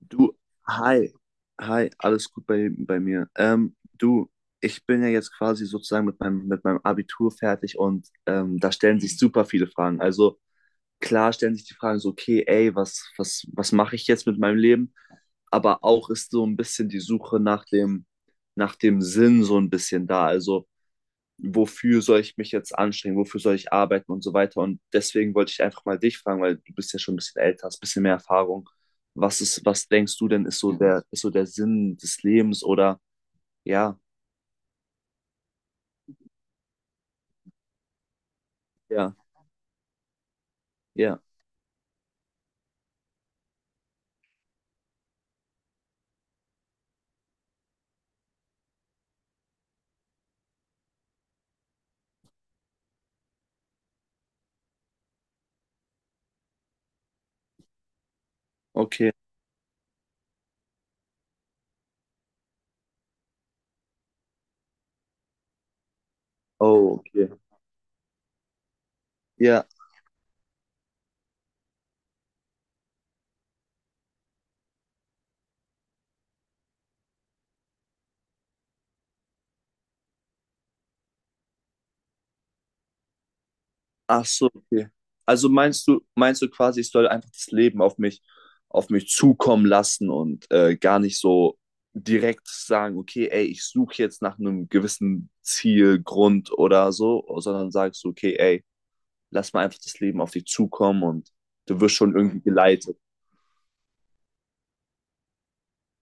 Du, hi, hi, alles gut bei mir. Du, ich bin ja jetzt quasi sozusagen mit meinem Abitur fertig und da stellen sich super viele Fragen. Also klar stellen sich die Fragen so, okay, ey, was mache ich jetzt mit meinem Leben? Aber auch ist so ein bisschen die Suche nach dem Sinn so ein bisschen da. Also wofür soll ich mich jetzt anstrengen, wofür soll ich arbeiten und so weiter. Und deswegen wollte ich einfach mal dich fragen, weil du bist ja schon ein bisschen älter, hast ein bisschen mehr Erfahrung. Was ist, was denkst du denn, ist so der Sinn des Lebens oder? Ja, ja, ja, okay. Oh, okay. Ja. Ach so, okay. Also meinst du quasi, ich soll einfach das Leben auf mich zukommen lassen und gar nicht so direkt sagen, okay, ey, ich suche jetzt nach einem gewissen Ziel, Grund oder so, sondern sagst du, okay, ey, lass mal einfach das Leben auf dich zukommen und du wirst schon irgendwie geleitet.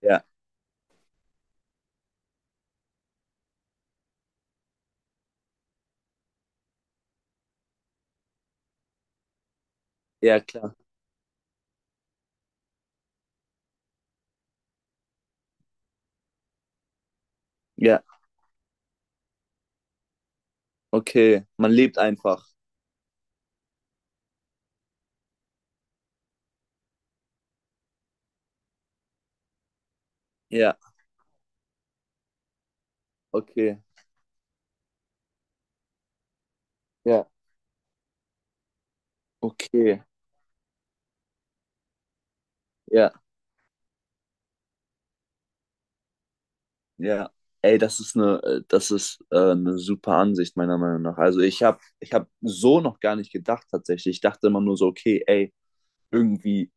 Ja, ja, klar. Ja, okay. Man lebt einfach. Ja, okay. Ja, okay. Ja. Ja, ey, das ist eine super Ansicht meiner Meinung nach. Also ich habe so noch gar nicht gedacht tatsächlich. Ich dachte immer nur so, okay, ey, irgendwie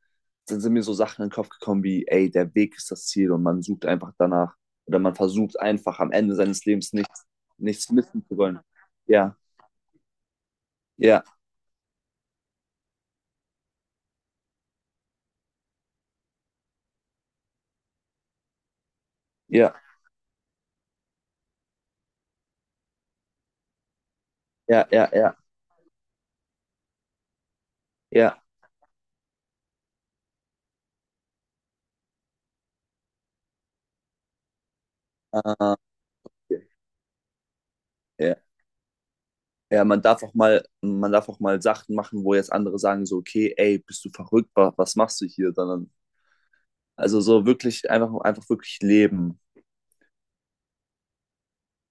dann sind mir so Sachen in den Kopf gekommen wie, ey, der Weg ist das Ziel und man sucht einfach danach oder man versucht einfach am Ende seines Lebens nichts missen zu wollen. Ja, ja, ja, ja, ja, ja, ja. Äh, ja, ja, ja, man darf auch mal Sachen machen, wo jetzt andere sagen so, okay, ey, bist du verrückt, was machst du hier? Sondern Also so wirklich einfach wirklich leben.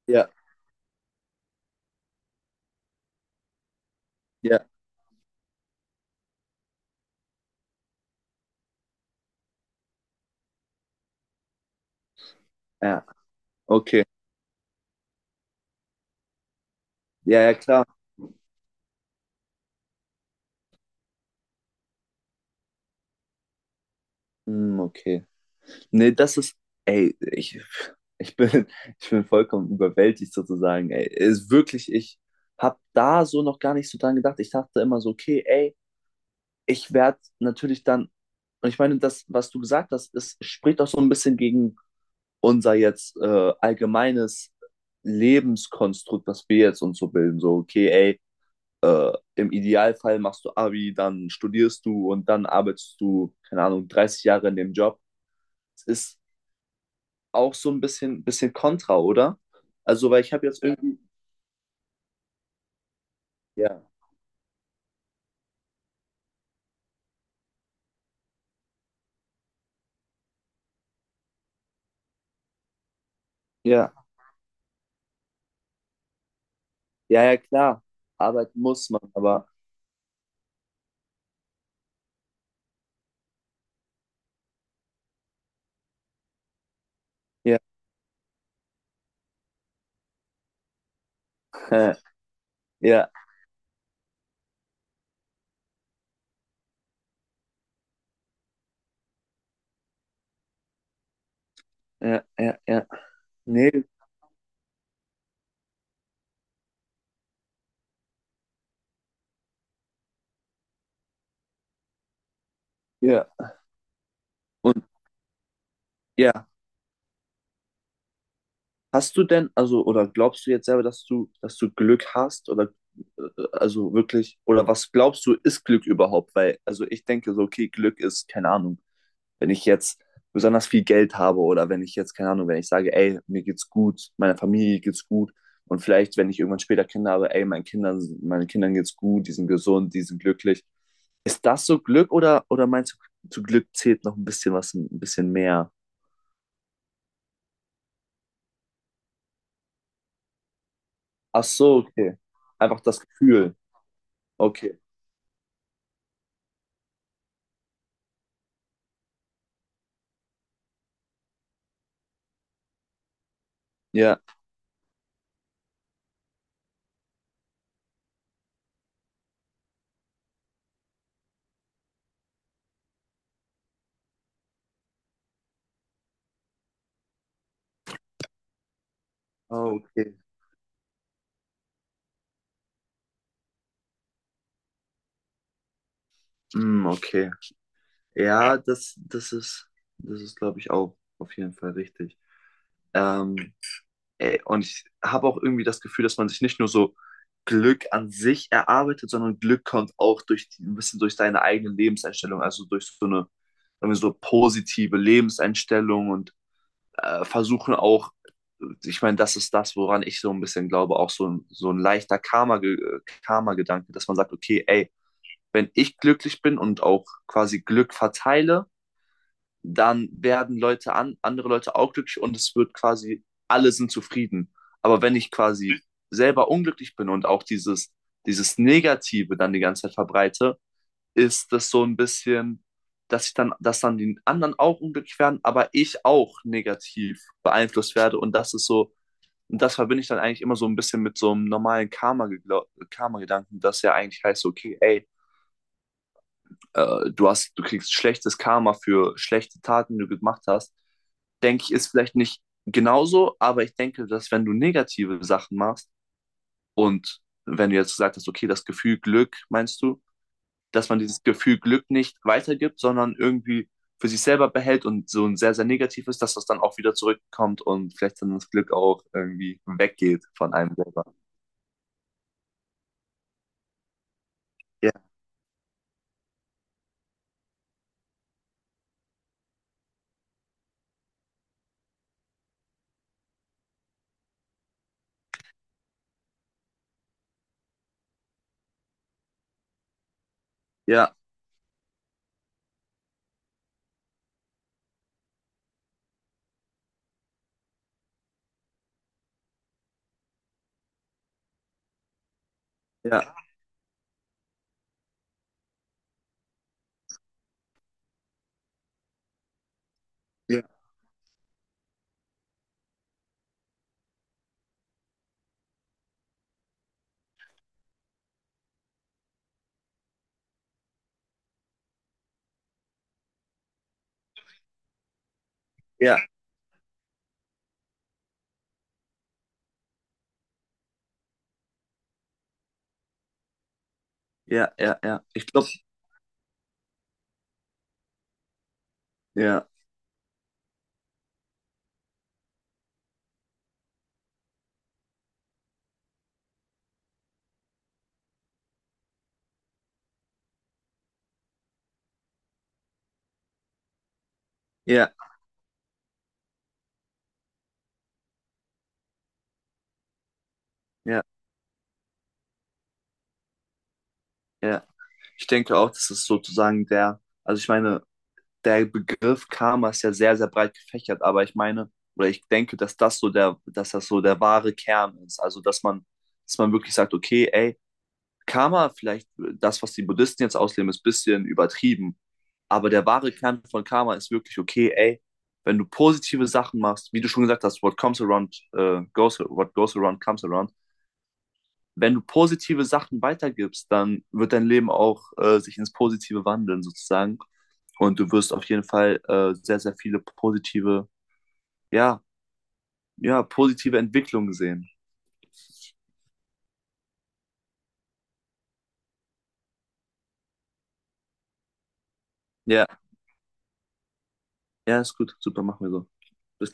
Ja, ja. Ja, okay. Ja, ja, klar. Hm, okay. Nee, ey, ich bin, ich bin vollkommen überwältigt sozusagen, ey. Ist wirklich, ich hab da so noch gar nicht so dran gedacht. Ich dachte immer so, okay, ey, ich werde natürlich dann, und ich meine, das, was du gesagt hast, es spricht auch so ein bisschen gegen unser jetzt allgemeines Lebenskonstrukt, was wir jetzt uns so bilden. So, okay, ey, im Idealfall machst du Abi, dann studierst du und dann arbeitest du, keine Ahnung, 30 Jahre in dem Job. Es ist auch so ein bisschen kontra, oder? Also, weil ich habe jetzt irgendwie. Ja, ja, ja, ja, klar. Arbeiten muss man, aber ja, äh, ja, ja, ja, ja. Nee, ja. Und ja, hast du denn, also, oder glaubst du jetzt selber, dass du Glück hast oder äh, also wirklich, oder was glaubst du, ist Glück überhaupt? Weil, also ich denke so, okay, Glück ist, keine Ahnung, wenn ich jetzt besonders viel Geld habe oder wenn ich jetzt, keine Ahnung, wenn ich sage, ey, mir geht's gut, meiner Familie geht's gut und vielleicht, wenn ich irgendwann später Kinder habe, ey, meinen Kindern geht's gut, die sind gesund, die sind glücklich. Ist das so Glück oder meinst du, zu Glück zählt noch ein bisschen was, ein bisschen mehr? Ach so, okay. Einfach das Gefühl. Okay. Ja. Oh, okay. Mm, okay. Ja, das ist, glaube ich, auch auf jeden Fall richtig. Ähm, Ey, und ich habe auch irgendwie das Gefühl, dass man sich nicht nur so Glück an sich erarbeitet, sondern Glück kommt auch durch die, ein bisschen durch deine eigene Lebenseinstellung, also durch so eine, sagen wir, so positive Lebenseinstellung und versuchen auch, ich meine, das ist das, woran ich so ein bisschen glaube, auch so ein leichter Karma-Gedanke, dass man sagt, okay, ey, wenn ich glücklich bin und auch quasi Glück verteile, dann werden Leute an, andere Leute auch glücklich und es wird quasi, alle sind zufrieden. Aber wenn ich quasi selber unglücklich bin und auch dieses Negative dann die ganze Zeit verbreite, ist das so ein bisschen, dass ich dann, dass dann die anderen auch unglücklich werden, aber ich auch negativ beeinflusst werde. Und das ist so, und das verbinde ich dann eigentlich immer so ein bisschen mit so einem normalen Karma-Gedanken, Karma, das ja eigentlich heißt, okay, ey, du kriegst schlechtes Karma für schlechte Taten, die du gemacht hast, denke ich, ist vielleicht nicht genauso, aber ich denke, dass wenn du negative Sachen machst und wenn du jetzt gesagt hast, okay, das Gefühl Glück, meinst du, dass man dieses Gefühl Glück nicht weitergibt, sondern irgendwie für sich selber behält und so ein sehr, sehr negativ ist, dass das dann auch wieder zurückkommt und vielleicht dann das Glück auch irgendwie weggeht von einem selber. Ja, ja, ja, ja, ja, ja, ja, ja. Ich glaube, ja, ja, ja, ja. Ich denke auch, das ist sozusagen also ich meine, der Begriff Karma ist ja sehr, sehr breit gefächert, aber ich meine, oder ich denke, dass das so der wahre Kern ist. Also, dass man wirklich sagt, okay, ey, Karma, vielleicht das, was die Buddhisten jetzt ausleben, ist ein bisschen übertrieben. Aber der wahre Kern von Karma ist wirklich, okay, ey, wenn du positive Sachen machst, wie du schon gesagt hast, what goes around comes around. Wenn du positive Sachen weitergibst, dann wird dein Leben auch sich ins Positive wandeln, sozusagen. Und du wirst auf jeden Fall sehr, sehr viele ja, ja, positive Entwicklungen sehen. Ja, ja, ist gut. Super, machen wir so. Bis